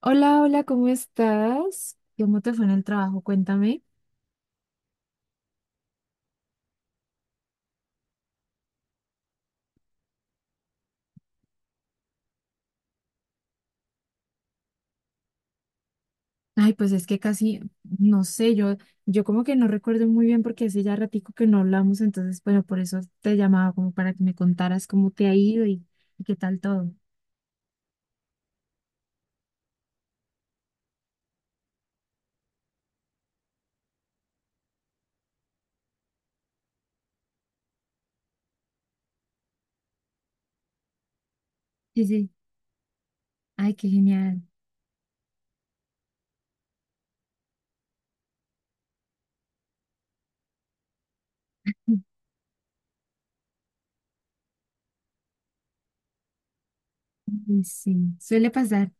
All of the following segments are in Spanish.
Hola, hola, ¿cómo estás? ¿Cómo te fue en el trabajo? Cuéntame. Ay, pues es que casi, no sé, yo como que no recuerdo muy bien porque hace ya ratico que no hablamos, entonces, bueno, por eso te llamaba como para que me contaras cómo te ha ido y qué tal todo. Sí, sí. Ay, qué genial. Sí, suele pasar.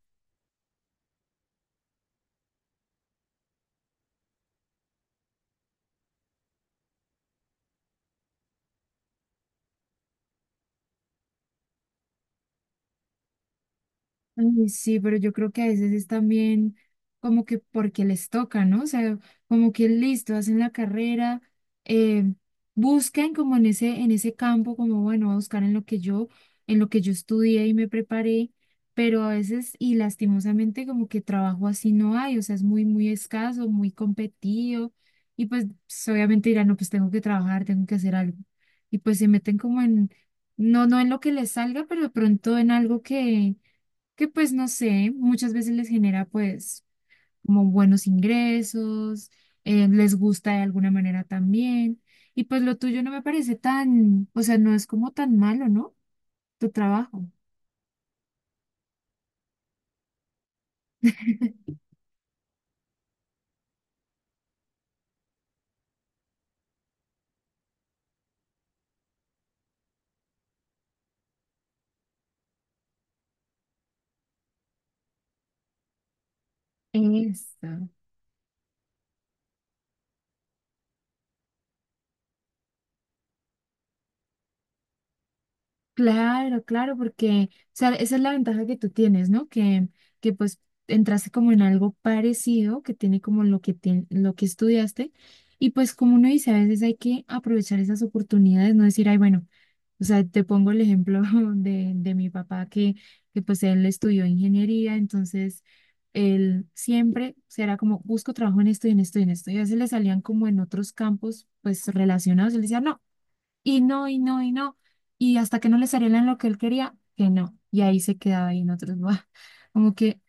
Ay, sí, pero yo creo que a veces es también como que porque les toca, ¿no? O sea, como que listo, hacen la carrera, eh, buscan como en ese campo, como bueno, voy a buscar en lo que yo estudié y me preparé, pero a veces, y lastimosamente, como que trabajo así no hay, o sea, es muy, muy escaso, muy competido, y pues, obviamente dirán, no, pues tengo que trabajar, tengo que hacer algo. Y pues se meten como en, no, no en lo que les salga, pero de pronto en algo que pues no sé, muchas veces les genera pues como buenos ingresos, les gusta de alguna manera también, y pues lo tuyo no me parece tan, o sea, no es como tan malo, ¿no? Tu trabajo. Eso. Claro, claro, porque, o sea, esa es la ventaja que tú tienes, ¿no? Que pues entraste como en algo parecido, que tiene como lo que, lo que estudiaste, y pues como uno dice, a veces hay que aprovechar esas oportunidades, no decir, ay, bueno. O sea, te pongo el ejemplo de mi papá que pues él estudió ingeniería, entonces él siempre o sea, era como, busco trabajo en esto y en esto y en esto. Y a veces le salían como en otros campos pues relacionados, él decía no, y no, y no, y no. Y hasta que no le salía en lo que él quería, que no. Y ahí se quedaba ahí en otros, como que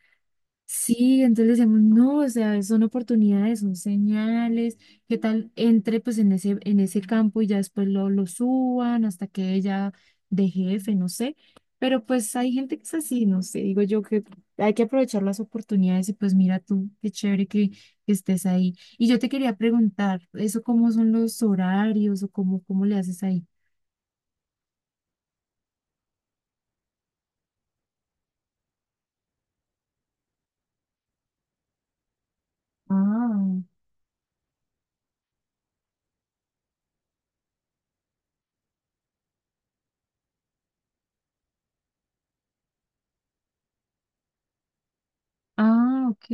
sí, entonces decimos, no, o sea, son oportunidades, son señales, qué tal entre pues en ese campo y ya después lo suban hasta que ella de jefe, no sé, pero pues hay gente que es así, no sé, digo yo que hay que aprovechar las oportunidades y pues mira tú, qué chévere que estés ahí. Y yo te quería preguntar, ¿eso cómo son los horarios o cómo le haces ahí? Ah, ah, ok,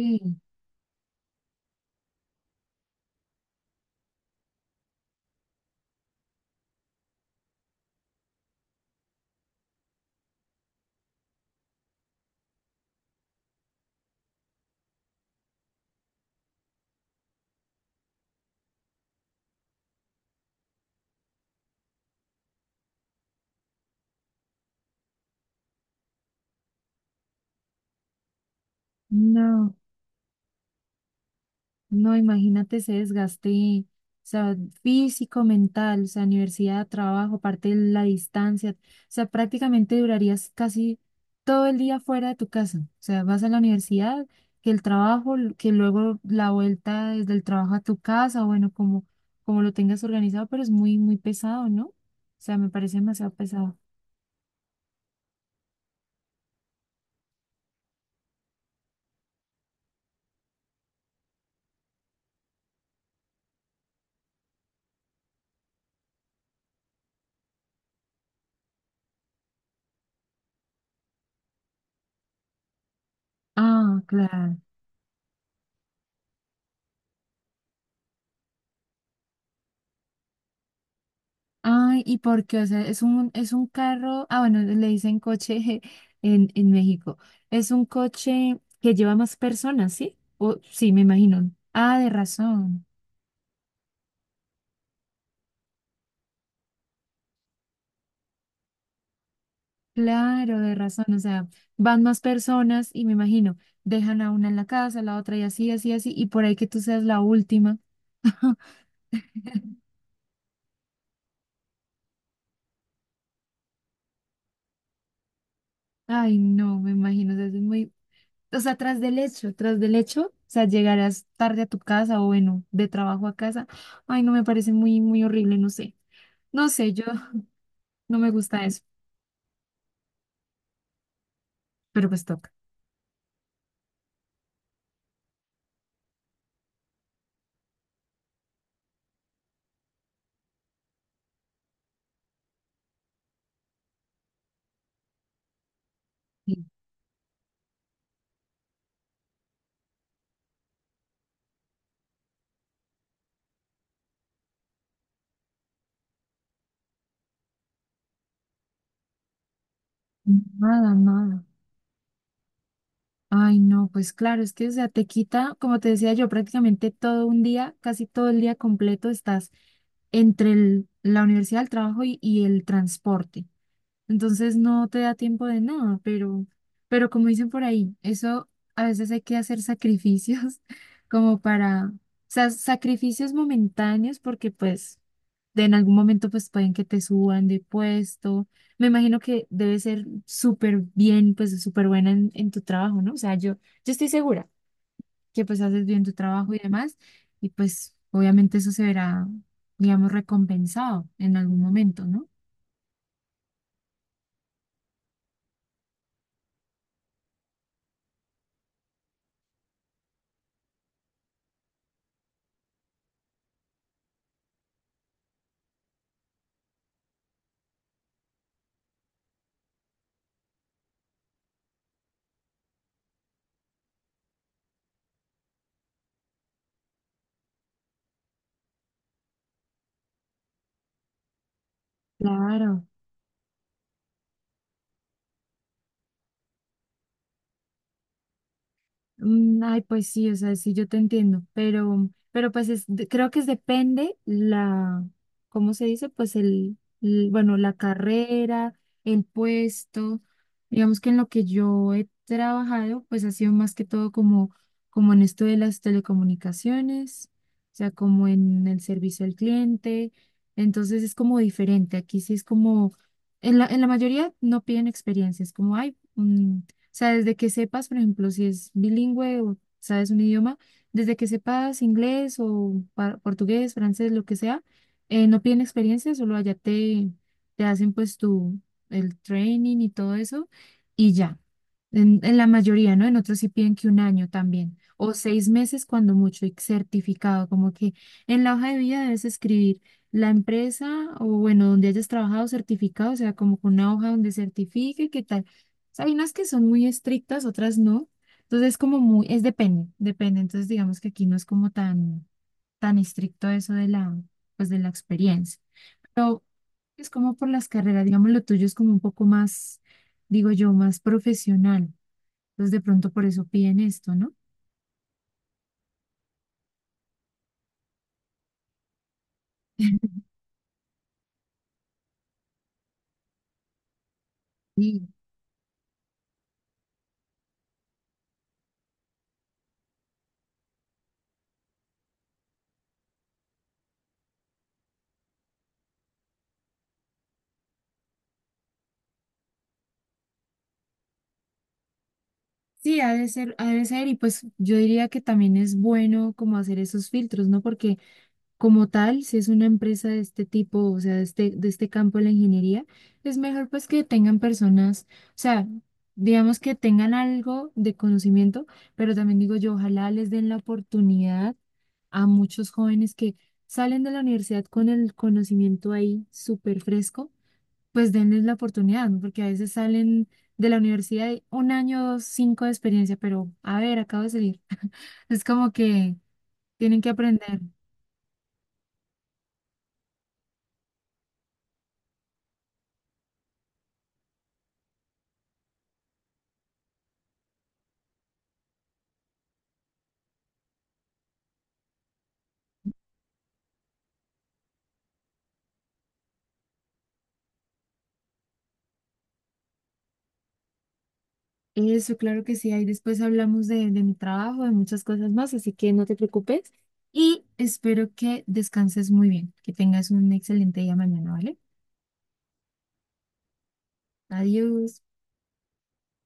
no. No, imagínate ese desgaste, o sea, físico, mental, o sea, universidad, trabajo, parte de la distancia, o sea, prácticamente durarías casi todo el día fuera de tu casa, o sea, vas a la universidad, que el trabajo, que luego la vuelta desde el trabajo a tu casa, bueno, como lo tengas organizado, pero es muy, muy pesado, ¿no? O sea, me parece demasiado pesado. Ah, claro. Ay, ¿y por qué? O sea, es un carro, ah, bueno, le dicen coche en México. Es un coche que lleva más personas, ¿sí? O, sí, me imagino. Ah, de razón. Claro, de razón. O sea, van más personas y me imagino, dejan a una en la casa, la otra y así, así, así, y por ahí que tú seas la última. Ay, no, me imagino, o sea, es muy, o sea, tras del hecho, o sea, llegarás tarde a tu casa o bueno, de trabajo a casa. Ay, no me parece muy, muy horrible, no sé. No sé, yo no me gusta eso, pero pues toca. Sí. Nada, nada. Ay, no, pues claro, es que, o sea, te quita, como te decía yo, prácticamente todo un día, casi todo el día completo estás entre la universidad, el trabajo y el transporte. Entonces no te da tiempo de nada, pero como dicen por ahí, eso a veces hay que hacer sacrificios como para, o sea, sacrificios momentáneos porque pues de en algún momento pues pueden que te suban de puesto. Me imagino que debe ser súper bien, pues súper buena en tu trabajo, ¿no? O sea, yo estoy segura que pues haces bien tu trabajo y demás y pues obviamente eso se verá, digamos, recompensado en algún momento, ¿no? Claro. Ay, pues sí, o sea, sí, yo te entiendo, pero pues es, creo que es depende la, ¿cómo se dice? Pues bueno, la carrera, el puesto, digamos que en lo que yo he trabajado, pues ha sido más que todo como en esto de las telecomunicaciones, o sea, como en el servicio al cliente, entonces es como diferente, aquí sí es como, en la mayoría no piden experiencia, es como, ay, o sea, desde que sepas, por ejemplo, si es bilingüe o sabes un idioma, desde que sepas inglés o portugués, francés, lo que sea, no piden experiencia, solo allá te hacen pues tu, el training y todo eso y ya. En la mayoría, ¿no? En otros sí piden que un año también, o 6 meses cuando mucho, y certificado, como que en la hoja de vida debes escribir la empresa o bueno, donde hayas trabajado certificado, o sea, como con una hoja donde certifique que tal o sea, hay unas que son muy estrictas, otras no. Entonces es como muy, es depende, depende. Entonces digamos que aquí no es como tan, tan estricto eso de la, pues de la experiencia. Pero es como por las carreras, digamos, lo tuyo es como un poco más, digo yo, más profesional. Entonces de pronto por eso piden esto, ¿no? Sí. Sí, ha de ser, ha de ser. Y pues yo diría que también es bueno como hacer esos filtros, ¿no? Porque como tal, si es una empresa de este tipo, o sea, de este campo de la ingeniería, es mejor pues que tengan personas, o sea, digamos que tengan algo de conocimiento, pero también digo yo, ojalá les den la oportunidad a muchos jóvenes que salen de la universidad con el conocimiento ahí súper fresco, pues denles la oportunidad, ¿no? Porque a veces salen de la universidad y un año, dos, cinco de experiencia, pero a ver, acabo de salir. Es como que tienen que aprender. Eso, claro que sí. Ahí después hablamos de mi trabajo, de muchas cosas más, así que no te preocupes y espero que descanses muy bien, que tengas un excelente día mañana, ¿vale? Adiós.